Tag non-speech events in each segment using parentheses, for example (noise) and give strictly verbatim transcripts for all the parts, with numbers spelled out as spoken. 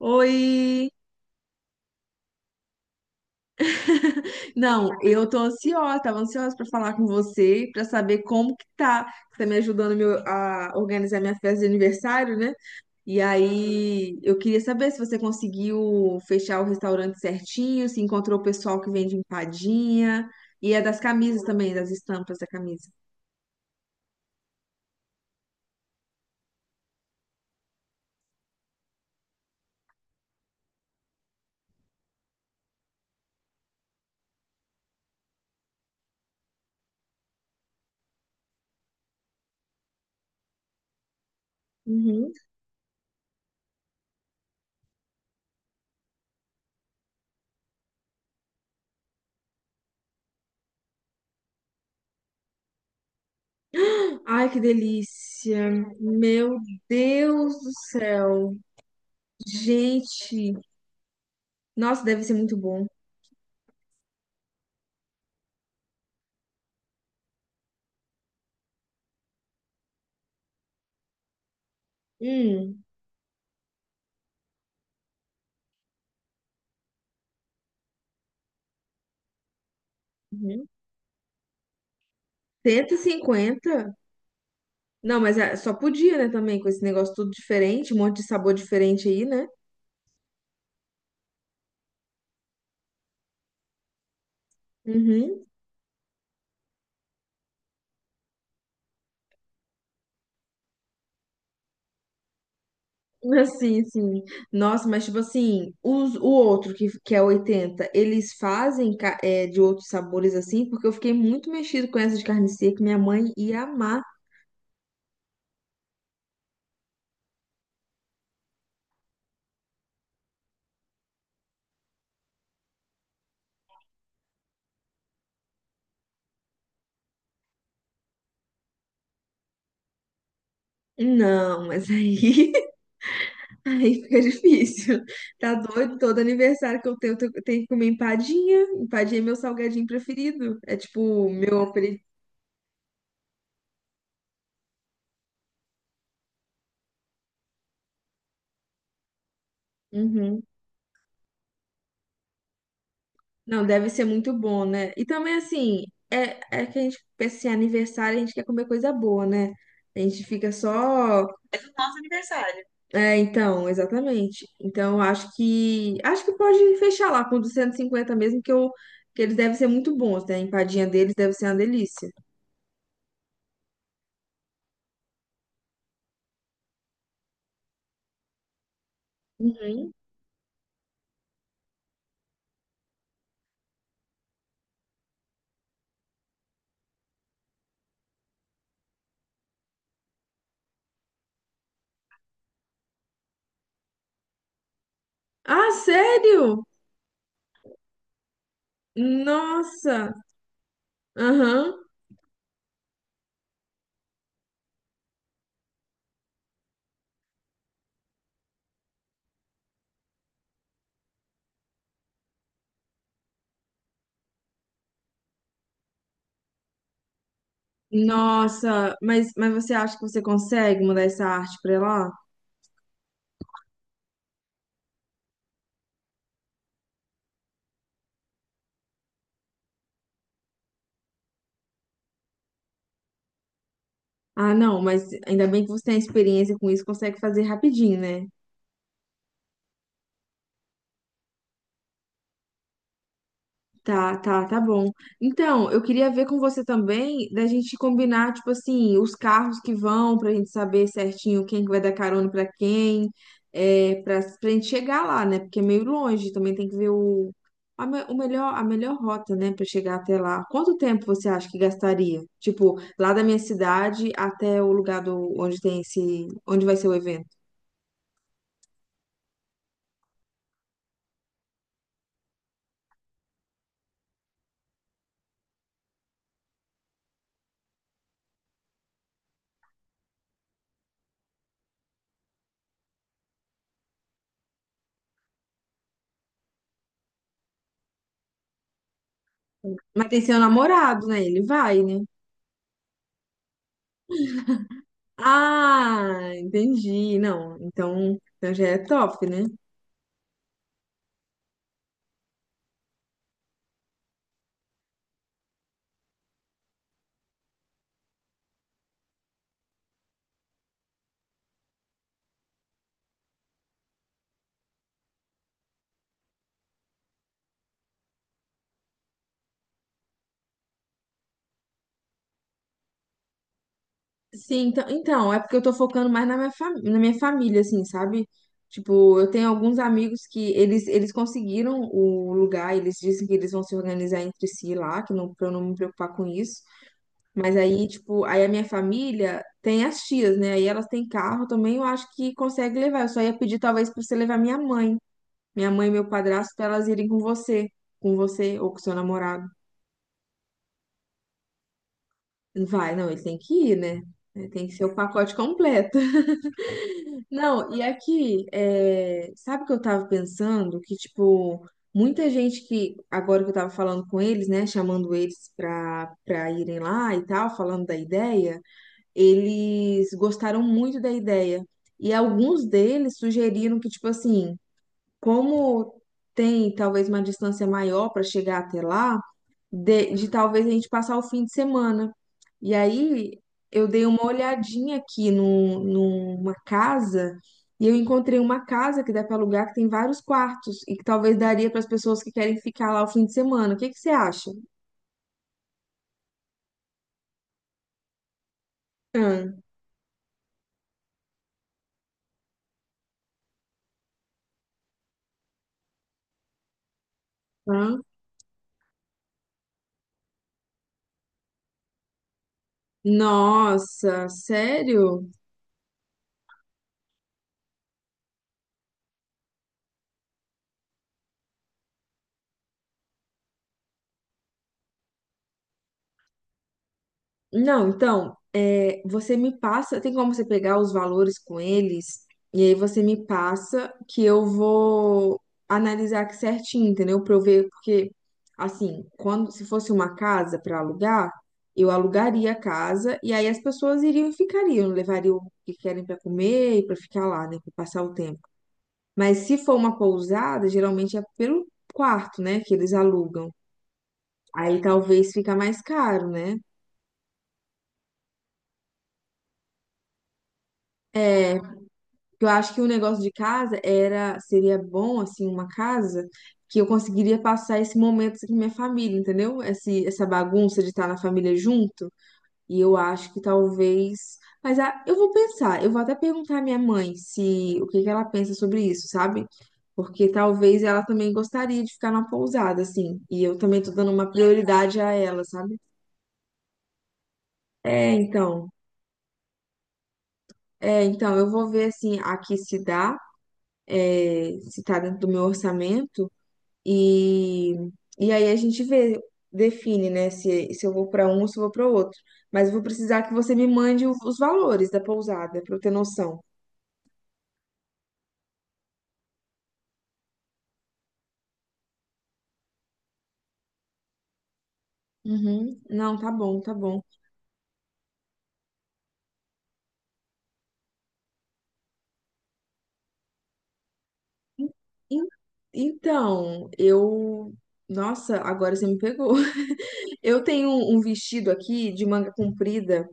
Oi! Não, eu tô ansiosa, tava ansiosa pra falar com você, pra saber como que tá. Você tá me ajudando meu- a organizar minha festa de aniversário, né? E aí, eu queria saber se você conseguiu fechar o restaurante certinho, se encontrou o pessoal que vende empadinha, e é das camisas também, das estampas da camisa. Uhum. Ai, que delícia! Meu Deus do céu! Gente, nossa, deve ser muito bom. Hum. Cento e cinquenta? Não, mas é- só podia, né, também, com esse negócio tudo diferente, um monte de sabor diferente aí, né? Uhum. (laughs) Assim, sim. Nossa, mas tipo assim, os, o outro que, que é oitenta eles fazem ca- é, de outros sabores assim, porque eu fiquei muito mexido com essa de carne seca, minha mãe ia amar. Não, mas aí, (laughs) aí fica difícil. Tá doido? Todo aniversário que eu tenho, eu tenho eu tenho que comer empadinha. Empadinha é meu salgadinho preferido. É tipo, meu apelido. Não, deve ser muito bom, né? E também, assim, é, é que a gente pensa assim, aniversário, a gente quer comer coisa boa, né? A gente fica só. Nosso aniversário. É, então, exatamente. Então, acho que. Acho que pode fechar lá com duzentos e cinquenta, mesmo, que, eu, que eles devem ser muito bons, né? A empadinha deles deve ser uma delícia. Uhum. Ah, sério? Nossa! Aham. Nossa, mas, mas você acha que você consegue mandar essa arte pra lá? Ah, não, mas ainda bem que você tem experiência com isso, consegue fazer rapidinho, né? Tá, tá, tá bom. Então, eu queria ver com você também da gente combinar, tipo assim, os carros que vão, pra gente saber certinho quem que vai dar carona pra quem, é, pra, pra gente chegar lá, né? Porque é meio longe, também tem que ver o, a, me- o melhor, a melhor rota, né, pra chegar até lá. Quanto tempo você acha que gastaria? Tipo, lá da minha cidade até o lugar do, onde tem esse, onde vai ser o evento? Mas tem seu namorado, né? Ele vai, né? Ah, entendi. Não, então, então já é top, né? Sim, então, então, é porque eu tô focando mais na minha, fam- na minha família, assim, sabe? Tipo, eu tenho alguns amigos que eles, eles conseguiram o lugar, eles dizem que eles vão se organizar entre si lá, que não, pra eu não me preocupar com isso. Mas aí, tipo, aí a minha família tem as tias, né? Aí elas têm carro também, eu acho que consegue levar. Eu só ia pedir talvez pra você levar minha mãe, minha mãe e meu padrasto, pra elas irem com você, com você ou com seu namorado. Vai, não, ele tem que ir, né? É, tem que ser o pacote completo. (laughs) Não, e aqui, é, sabe o que eu tava pensando? Que, tipo, muita gente que, agora que eu tava falando com eles, né, chamando eles pra, pra irem lá e tal, falando da ideia, eles gostaram muito da ideia. E alguns deles sugeriram que, tipo assim, como tem talvez uma distância maior para chegar até lá de, de talvez a gente passar o fim de semana. E aí eu dei uma olhadinha aqui no, numa casa e eu encontrei uma casa que dá para alugar que tem vários quartos e que talvez daria para as pessoas que querem ficar lá o fim de semana. O que que você acha? Hã? Hã? Nossa, sério? Não, então, é, você me passa, tem como você pegar os valores com eles, e aí você me passa que eu vou analisar aqui certinho, entendeu? Pra eu ver, porque, assim, quando se fosse uma casa para alugar, eu alugaria a casa, e aí as pessoas iriam e ficariam, levariam o que querem para comer e para ficar lá, né, para passar o tempo. Mas se for uma pousada, geralmente é pelo quarto, né, que eles alugam. Aí talvez fica mais caro, né? É. Eu acho que o negócio de casa era, seria bom, assim, uma casa que eu conseguiria passar esse momento assim, com minha família, entendeu? Esse, essa bagunça de estar na família junto. E eu acho que talvez. Mas ah, eu vou pensar, eu vou até perguntar à minha mãe se o que que ela pensa sobre isso, sabe? Porque talvez ela também gostaria de ficar numa pousada, assim. E eu também tô dando uma prioridade a ela, sabe? É, então. É, então, eu vou ver assim aqui se dá, eh, se tá dentro do meu orçamento. E, e aí a gente vê, define, né, se, se eu vou para um ou se eu vou para outro. Mas eu vou precisar que você me mande o- os valores da pousada, para eu ter noção. Uhum. Não, tá bom, tá bom. En- Então, eu. Nossa, agora você me pegou. (laughs) Eu tenho um um vestido aqui de manga comprida.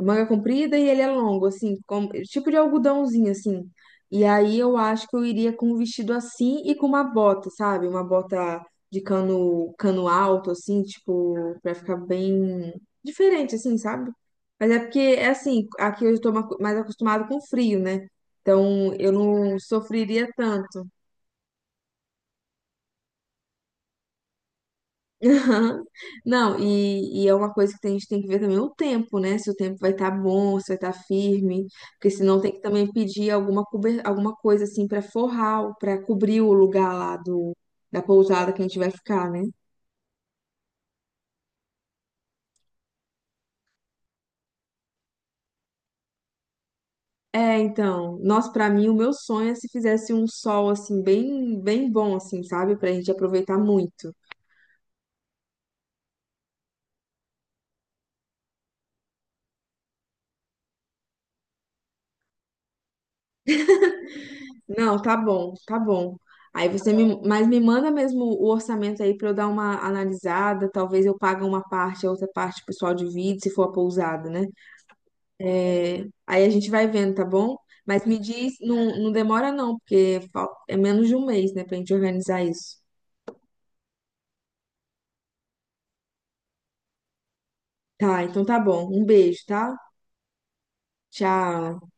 Manga comprida e ele é longo, assim, como, tipo de algodãozinho, assim. E aí eu acho que eu iria com um vestido assim e com uma bota, sabe? Uma bota de cano, cano alto, assim, tipo, pra ficar bem diferente, assim, sabe? Mas é porque, é assim, aqui eu estou ma- mais acostumado com frio, né? Então eu não sofreria tanto. Aham. Não, e, e é uma coisa que a gente tem que ver também o tempo, né? Se o tempo vai estar bom, se vai estar firme, porque senão tem que também pedir alguma, cober- alguma coisa assim para forrar, para cobrir o lugar lá do, da pousada que a gente vai ficar, né? É, então, nossa, pra mim o meu sonho é se fizesse um sol assim bem, bem bom assim, sabe? Pra gente aproveitar muito. Não, tá bom, tá bom. Aí você me, mas me manda mesmo o orçamento aí pra eu dar uma analisada. Talvez eu pague uma parte, a outra parte o pessoal divide, se for a pousada, né? É, aí a gente vai vendo, tá bom? Mas me diz, não, não demora não, porque fal- é menos de um mês, né, pra gente organizar isso. Tá, então tá bom. Um beijo, tá? Tchau.